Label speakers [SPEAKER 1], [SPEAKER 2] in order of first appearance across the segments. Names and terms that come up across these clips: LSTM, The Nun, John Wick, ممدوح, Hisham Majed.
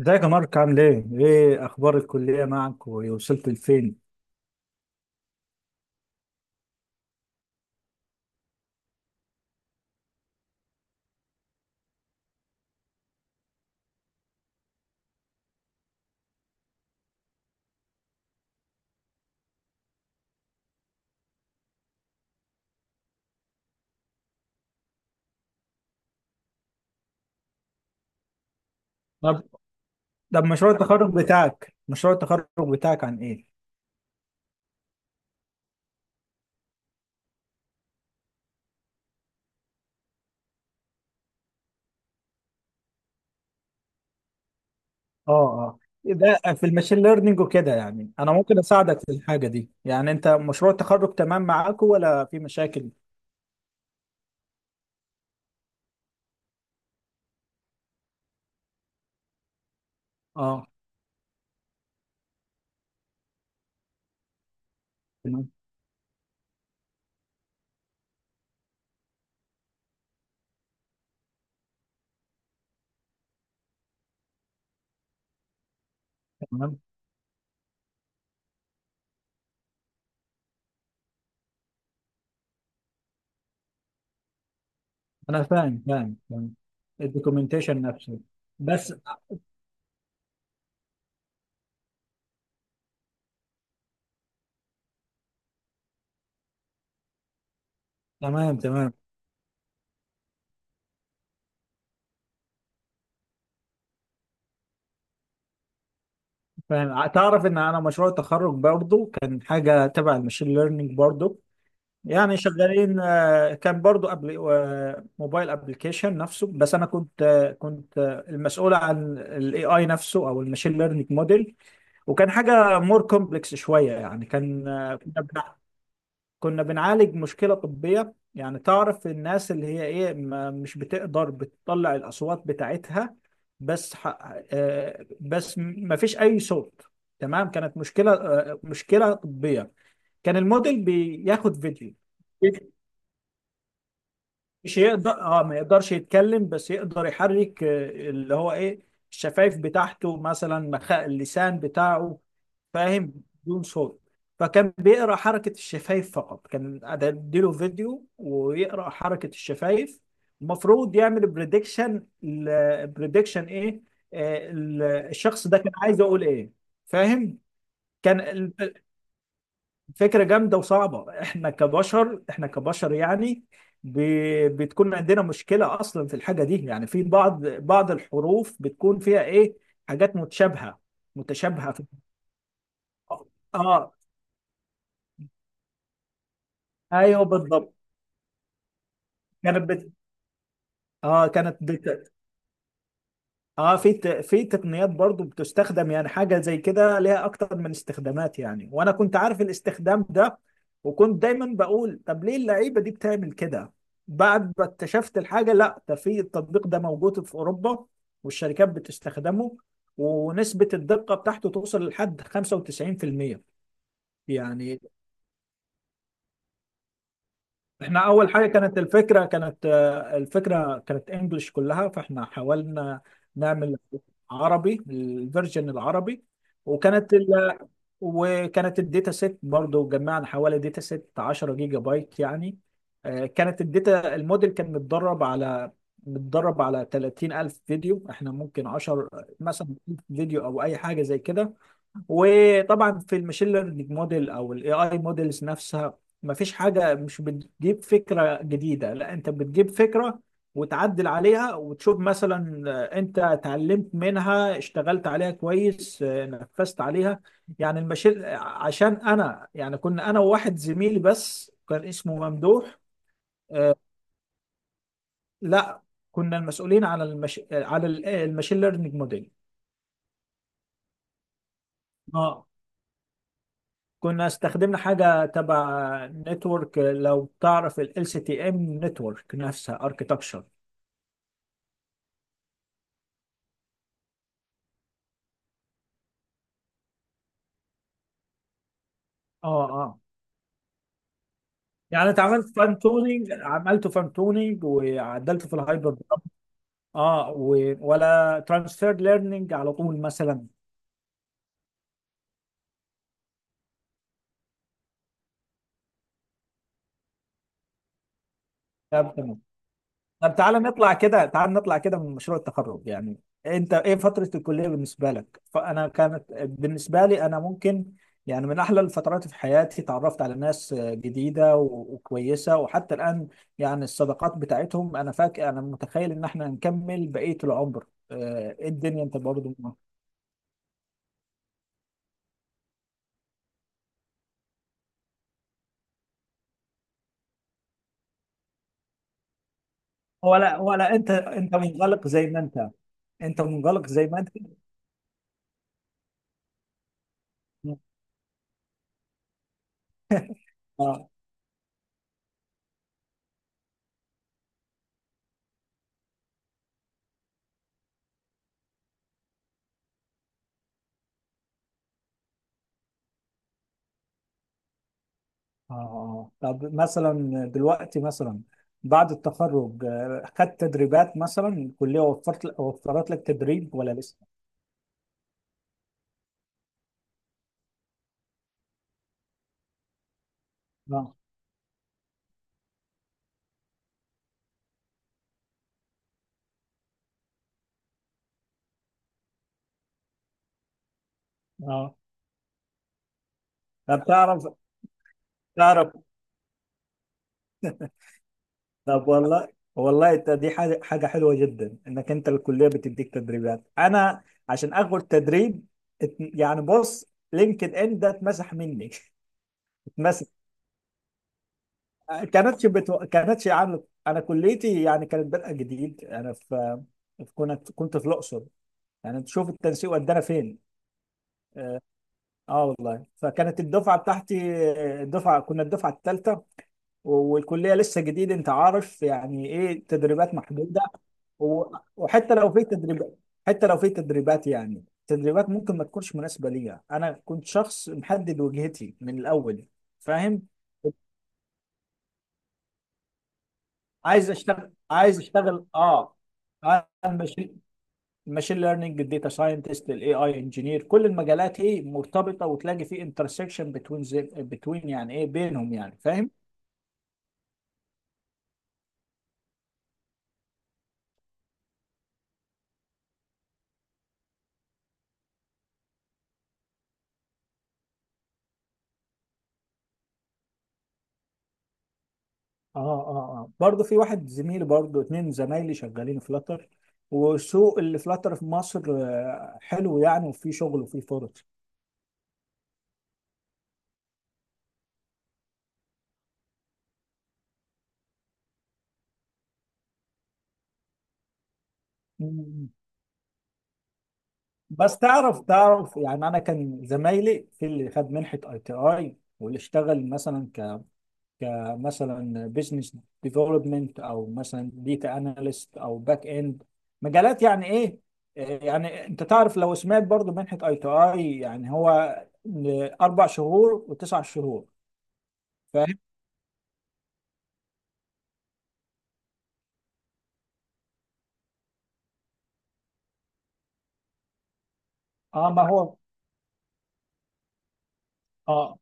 [SPEAKER 1] ازيك يا مارك، عامل ايه؟ ايه اخبار الكلية معك، ووصلت لفين؟ طب طب مشروع التخرج بتاعك عن ايه؟ اه، اه. ده في الماشين ليرنينج وكده. يعني انا ممكن اساعدك في الحاجة دي. يعني انت مشروع التخرج تمام معاك ولا في مشاكل؟ اه. تمام تمام. انا فاهم. الدوكيومنتيشن نفسه. بس. تمام. تمام. فاهم. تعرف ان انا مشروع التخرج برضو كان حاجة تبع الماشين ليرنينج برضو. يعني شغالين، كان برضو قبل، موبايل ابلكيشن نفسه. بس انا كنت المسؤول عن الاي اي نفسه، او الماشين ليرنينج موديل. وكان حاجه مور كومبلكس شويه. يعني كان آه، كنا بنع- كنا بنعالج مشكله طبيه. يعني تعرف الناس اللي هي ايه، مش بتقدر بتطلع الاصوات بتاعتها. بس ح- آه، بس ما فيش اي صوت. تمام، كانت مشكله طبيه. كان الموديل بياخد فيديو. مش يقدر، اه، ما يقدرش يتكلم، بس يقدر يحرك اللي هو ايه، الشفايف بتاعته، مثلا اللسان بتاعه. فاهم، بدون صوت. فكان بيقرا حركة الشفايف فقط، كان اديله فيديو ويقرا حركة الشفايف. المفروض يعمل بريدكشن. بريدكشن ايه؟ الشخص ده كان عايز يقول ايه. فاهم. كان فكرة جامدة وصعبة. احنا كبشر، احنا كبشر، يعني ب... بتكون عندنا مشكلة اصلا في الحاجة دي. يعني في بعض الحروف بتكون فيها ايه، حاجات متشابهة، متشابهة في... اه. آه، ايوه بالضبط. كانت بت... اه. اه. في في تقنيات برضو بتستخدم، يعني حاجة زي كده ليها اكتر من استخدامات. يعني وانا كنت عارف الاستخدام ده، وكنت دايما بقول: طب ليه اللعيبة دي بتعمل كده؟ بعد ما اكتشفت الحاجة، لا ده في التطبيق ده موجود في اوروبا، والشركات بتستخدمه، ونسبة الدقة بتاعته توصل لحد 95%. يعني احنا اول حاجه كانت الفكره كانت آه، الفكره كانت انجلش كلها، فاحنا حاولنا نعمل عربي، الفيرجن العربي. وكانت ال... وكانت الداتا سيت برضو، جمعنا حوالي داتا سيت 10 جيجا بايت يعني. آه، كانت الداتا الموديل كان متدرب على 30,000 فيديو. احنا ممكن 10 مثلا فيديو، او اي حاجه زي كده. وطبعا في الماشين ليرنينج موديل او الاي اي موديلز نفسها، مفيش حاجه مش بتجيب فكره جديده، لا، انت بتجيب فكره وتعدل عليها وتشوف، مثلا انت اتعلمت منها، اشتغلت عليها كويس، نفذت عليها. يعني الماشين آه، عشان انا، يعني كنا انا وواحد زميلي بس، كان اسمه ممدوح. آه، لا، كنا المسؤولين على المش... آه، على الماشين ليرنينج موديل. كنا استخدمنا حاجة تبع نتورك، لو تعرف ال LCTM، نتورك نفسها، اركيتكشر. اه، اه. يعني انت عملته فان تونينج، وعدلته في الهايبر. اه، ولا ترانسفير ليرنينج على طول مثلا؟ طب، تمام. طب تعالى نطلع كده، من مشروع التخرج. يعني انت ايه فترة الكلية بالنسبة لك؟ فانا كانت بالنسبة لي انا ممكن، يعني من احلى الفترات في حياتي. تعرفت على ناس جديدة وكويسة، وحتى الان يعني الصداقات بتاعتهم، انا فاكر انا متخيل ان احنا نكمل بقية العمر. ايه الدنيا انت برضه؟ ولا انت منغلق زي ما انت، انت منغلق زي ما انت اه. طب مثلا دلوقتي، مثلا بعد التخرج خدت تدريبات؟ مثلا الكلية وفرت لك تدريب ولا لسه؟ اه، اه. طب تعرف. طب والله انت، دي حاجة حلوة جدا انك انت الكلية بتديك تدريبات. انا عشان اخد تدريب، يعني بص، لينكد ان ده اتمسح مني اتمسح. كانتش عامله. انا كليتي يعني كانت بادئه جديد. انا في كنت في الاقصر. يعني انت شوف التنسيق ودانا فين. اه والله، فكانت الدفعه بتاعتي، كنا الدفعه الثالثه، والكليه لسه جديد. انت عارف يعني ايه، تدريبات محدوده. و- وحتى لو في تدريبات، يعني تدريبات ممكن ما تكونش مناسبه ليا. انا كنت شخص محدد وجهتي من الاول، فاهم. عايز اشتغل، اه. انا مش الماشين ليرنينج، الداتا ساينتست، الاي اي انجينير، كل المجالات ايه مرتبطه، وتلاقي في انترسكشن بتوين، يعني ايه بينهم. يعني فاهم. اه، اه، اه. برضه في واحد زميلي، برضه اتنين زمايلي شغالين فلاتر. وسوق اللي فلاتر في مصر حلو يعني، وفي شغل وفي فرص. مم. بس تعرف، يعني انا كان زمايلي في اللي خد منحه اي تي اي، واللي اشتغل مثلا كمثلا بزنس ديفلوبمنت، او مثلا ديتا اناليست، او باك اند. مجالات يعني ايه، يعني انت تعرف لو سمعت برضو منحة اي تو اي. يعني هو اربع شهور وتسع شهور. فاهم. اه، ما هو، اه.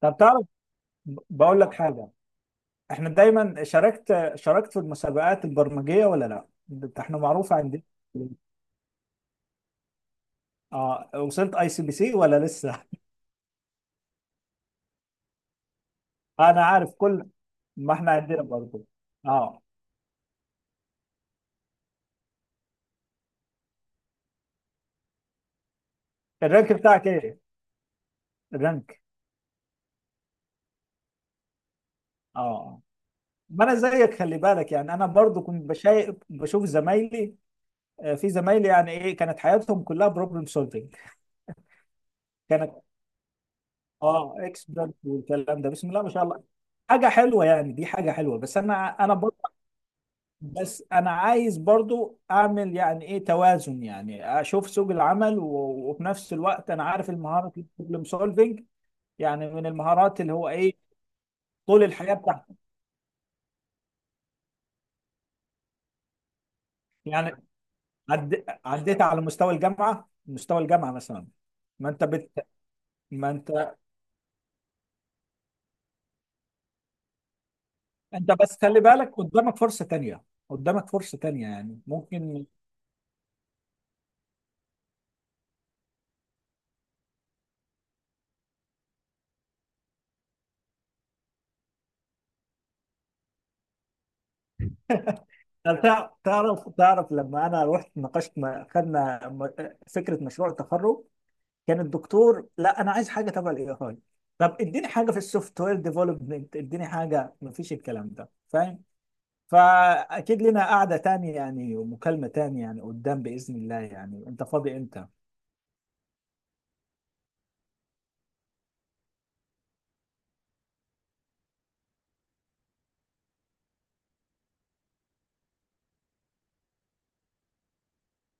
[SPEAKER 1] طب تعرف، بقول لك حاجة. احنا دايما شاركت في المسابقات البرمجية ولا لا؟ ده احنا معروف عندنا. اه، وصلت اي سي بي سي ولا لسه انا عارف كل. ما احنا عندنا برضو. اه، الرانك بتاعك ايه؟ الرانك. اه. ما انا زيك، خلي بالك، يعني انا برضو كنت بشوف زمايلي. في زمايلي يعني ايه، كانت حياتهم كلها بروبلم سولفنج. كانت. اه، اكسبرت والكلام ده، بسم الله ما شاء الله. حاجه حلوه يعني، دي حاجه حلوه. بس انا انا برضو بس انا عايز برضو اعمل، يعني ايه، توازن. يعني اشوف سوق العمل، وفي نفس الوقت انا عارف المهارات البروبلم سولفنج يعني من المهارات اللي هو ايه، طول الحياه بتاعتي. يعني عديت على مستوى الجامعه، مستوى الجامعه مثلا. ما انت بت... ما انت بس خلي بالك، قدامك فرصه تانية، قدامك فرصه تانية، يعني ممكن. هل تعرف لما انا رحت ناقشت، خدنا، فكره مشروع التخرج. كان الدكتور: لا، انا عايز حاجه تبع الاي اي. طب اديني حاجه في السوفت وير ديفلوبمنت، اديني حاجه. مفيش الكلام ده، فاهم. فاكيد لنا قعده تانية، يعني ومكالمه تانية يعني قدام، باذن الله. يعني انت فاضي امتى؟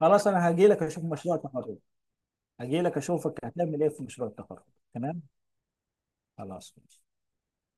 [SPEAKER 1] خلاص، انا هجي لك اشوف مشروع التخرج. هجي لك اشوفك هتعمل ايه في مشروع التخرج. تمام. خلاص ماشي.